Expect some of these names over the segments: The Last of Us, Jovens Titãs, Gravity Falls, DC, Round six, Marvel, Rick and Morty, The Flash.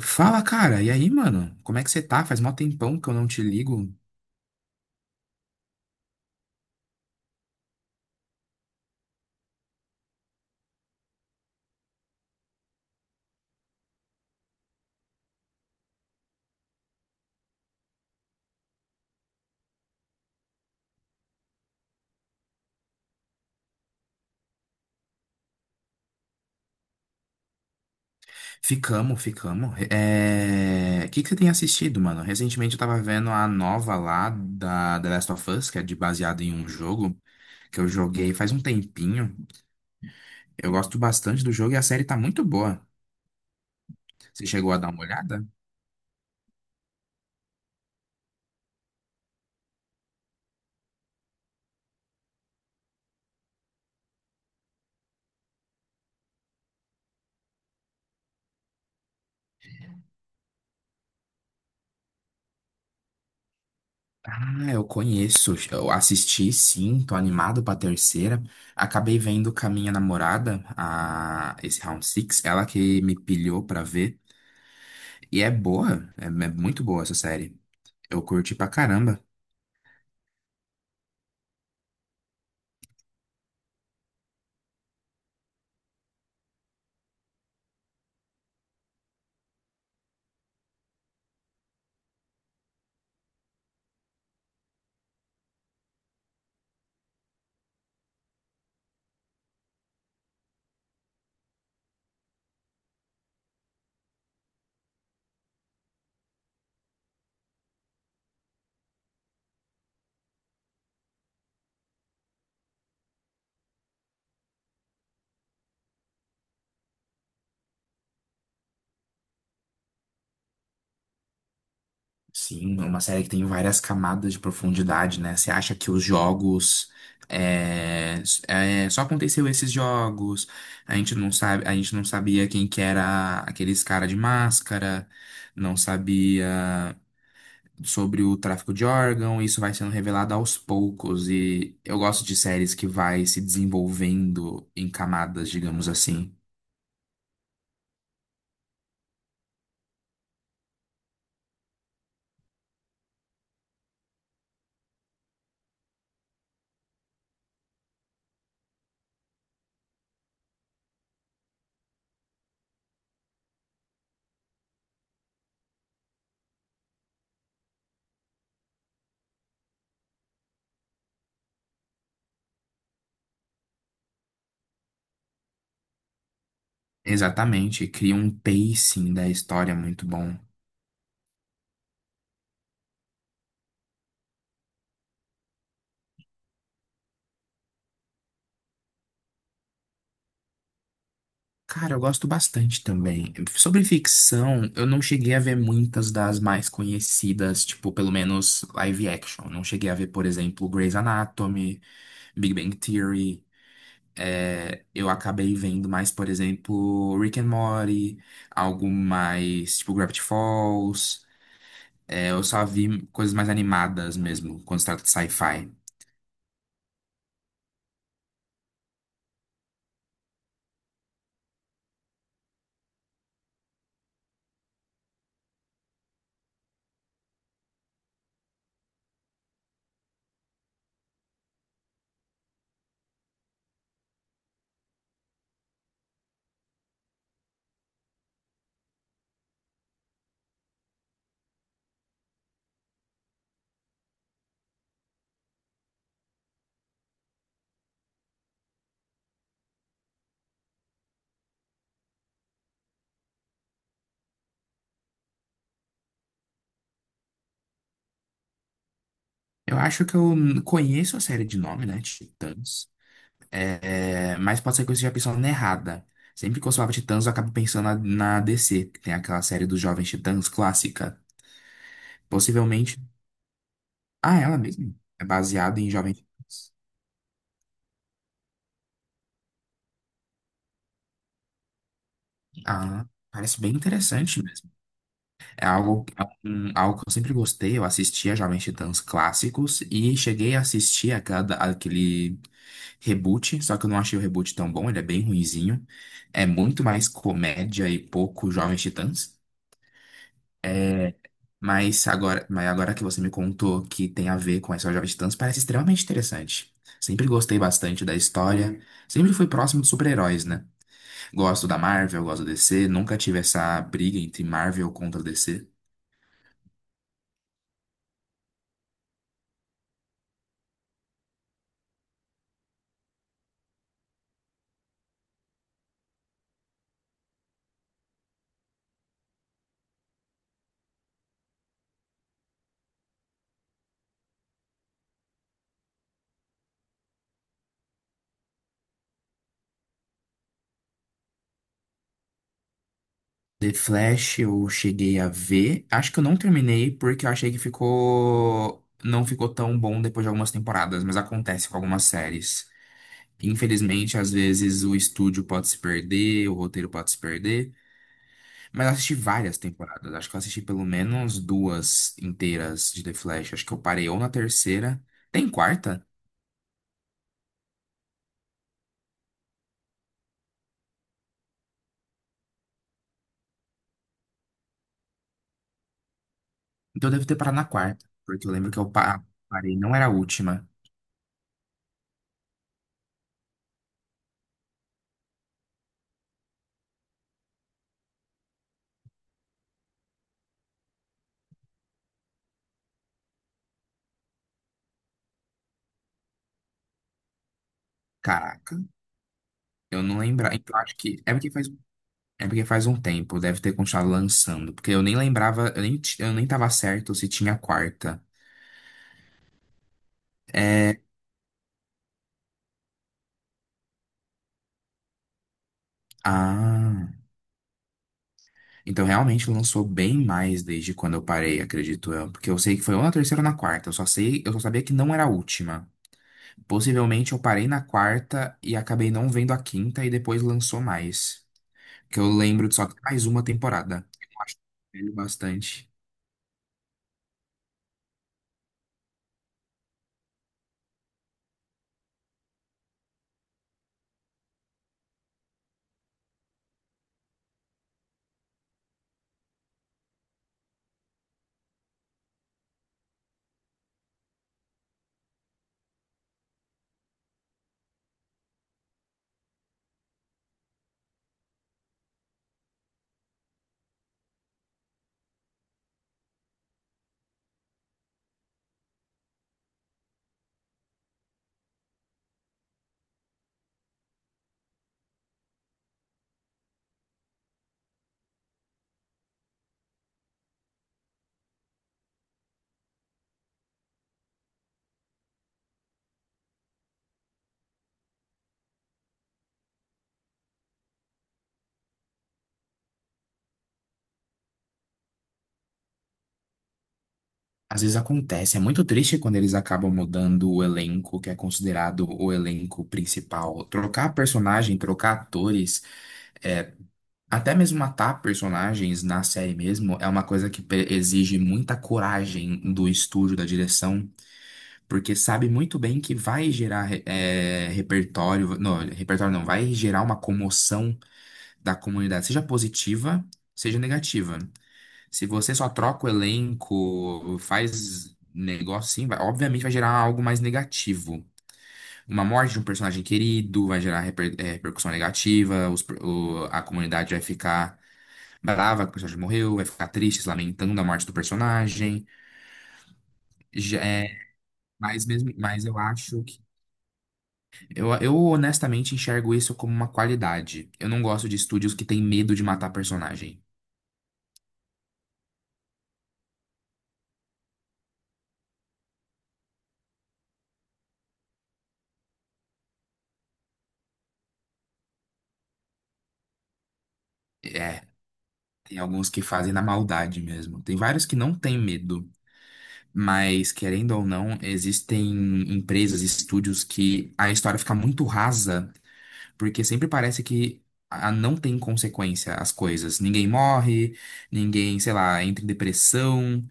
Fala, cara. E aí, mano? Como é que você tá? Faz mó tempão que eu não te ligo. Ficamos. O que que você tem assistido, mano? Recentemente eu tava vendo a nova lá da The Last of Us, que é de baseado em um jogo que eu joguei faz um tempinho. Eu gosto bastante do jogo e a série tá muito boa. Você chegou a dar uma olhada? Ah, eu conheço. Eu assisti, sim. Tô animado pra terceira. Acabei vendo com a minha namorada, esse Round six ela que me pilhou pra ver. E é boa, é muito boa essa série. Eu curti pra caramba. Sim, é uma série que tem várias camadas de profundidade, né? Você acha que os jogos. Só aconteceu esses jogos. A gente não sabia quem que era aqueles cara de máscara, não sabia sobre o tráfico de órgão. Isso vai sendo revelado aos poucos. E eu gosto de séries que vai se desenvolvendo em camadas, digamos assim. Exatamente, cria um pacing da história muito bom. Cara, eu gosto bastante também. Sobre ficção, eu não cheguei a ver muitas das mais conhecidas, tipo, pelo menos live action. Não cheguei a ver, por exemplo, Grey's Anatomy, Big Bang Theory. É, eu acabei vendo mais, por exemplo, Rick and Morty, algo mais tipo Gravity Falls. É, eu só vi coisas mais animadas mesmo, quando se trata de sci-fi. Eu acho que eu conheço a série de nome, né? Titãs. É, mas pode ser que eu esteja pensando errada. Sempre que eu falava Titãs, eu acabo pensando na DC, que tem aquela série dos Jovens Titãs clássica. Possivelmente. Ah, é ela mesma. É baseada em Jovens Titãs. Ah, parece bem interessante mesmo. É algo, é algo que eu sempre gostei. Eu assistia Jovens Titãs clássicos e cheguei a assistir aquele reboot, só que eu não achei o reboot tão bom, ele é bem ruinzinho. É muito mais comédia e pouco Jovens Titãs. Mas agora que você me contou que tem a ver com essa Jovem Titãs, parece extremamente interessante. Sempre gostei bastante da história, sempre fui próximo de super-heróis, né? Gosto da Marvel, gosto da DC, nunca tive essa briga entre Marvel contra DC. The Flash eu cheguei a ver, acho que eu não terminei porque eu achei que ficou não ficou tão bom depois de algumas temporadas, mas acontece com algumas séries. Infelizmente, às vezes o estúdio pode se perder, o roteiro pode se perder. Mas eu assisti várias temporadas. Acho que eu assisti pelo menos duas inteiras de The Flash. Acho que eu parei ou na terceira. Tem quarta? Então eu devo ter parado na quarta. Porque eu lembro que eu pa- ah, parei, não era a última. Caraca, eu não lembrava. Então acho que. É porque faz um tempo. Deve ter continuado lançando. Porque eu nem lembrava. Eu nem tava certo se tinha a quarta. É. Ah. Então realmente lançou bem mais desde quando eu parei, acredito eu. Porque eu sei que foi ou na terceira ou na quarta. Eu só sei. Eu só sabia que não era a última. Possivelmente eu parei na quarta e acabei não vendo a quinta e depois lançou mais. Que eu lembro de só ter mais uma temporada. Eu acho que eu vejo bastante. Às vezes acontece, é muito triste quando eles acabam mudando o elenco, que é considerado o elenco principal. Trocar personagem, trocar atores, é, até mesmo matar personagens na série mesmo, é uma coisa que exige muita coragem do estúdio, da direção. Porque sabe muito bem que vai gerar eh, repertório não, vai gerar uma comoção da comunidade, seja positiva, seja negativa. Se você só troca o elenco, faz negócio assim, obviamente vai gerar algo mais negativo. Uma morte de um personagem querido vai gerar repercussão negativa, a comunidade vai ficar brava que o personagem morreu, vai ficar triste, se lamentando da morte do personagem. Já- eh, mas mesmo, mas eu acho Eu honestamente enxergo isso como uma qualidade. Eu não gosto de estúdios que têm medo de matar personagem. É, tem alguns que fazem na maldade mesmo. Tem vários que não têm medo. Mas, querendo ou não, existem empresas, estúdios que a história fica muito rasa. Porque sempre parece que não tem consequência as coisas. Ninguém morre, ninguém, sei lá, entra em depressão,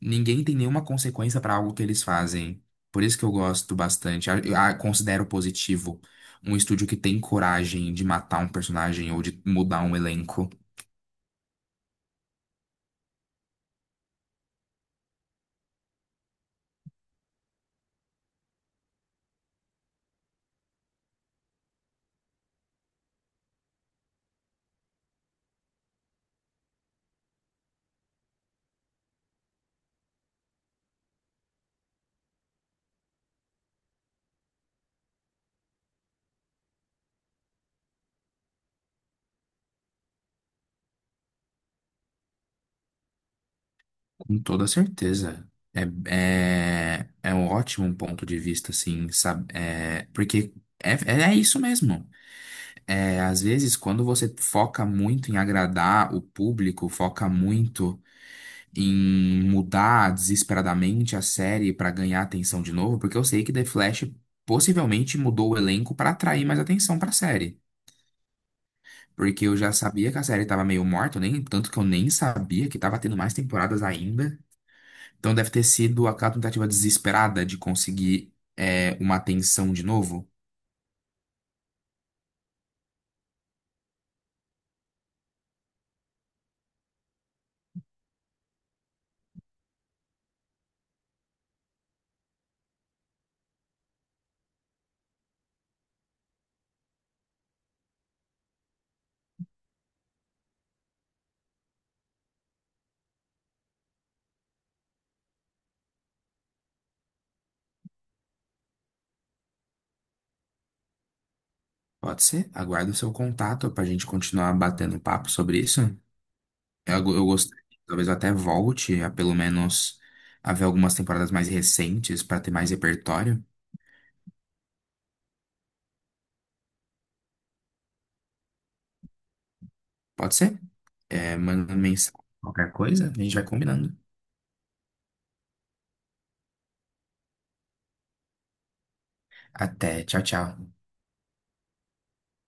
ninguém tem nenhuma consequência para algo que eles fazem. Por isso que eu gosto bastante. Eu considero positivo um estúdio que tem coragem de matar um personagem ou de mudar um elenco. Com toda certeza. É, é um ótimo ponto de vista, assim, sabe? É, porque é isso mesmo. É, às vezes, quando você foca muito em agradar o público, foca muito em mudar desesperadamente a série para ganhar atenção de novo, porque eu sei que The Flash possivelmente mudou o elenco para atrair mais atenção para a série. Porque eu já sabia que a série estava meio morta, eu nem, tanto que eu nem sabia que estava tendo mais temporadas ainda. Então deve ter sido aquela tentativa desesperada de conseguir, é, uma atenção de novo. Pode ser? Aguardo o seu contato para a gente continuar batendo papo sobre isso. Eu gostei. Talvez eu até volte a pelo menos a ver algumas temporadas mais recentes para ter mais repertório. Pode ser? É, manda mensagem, qualquer coisa, a gente vai combinando. Até, tchau, tchau.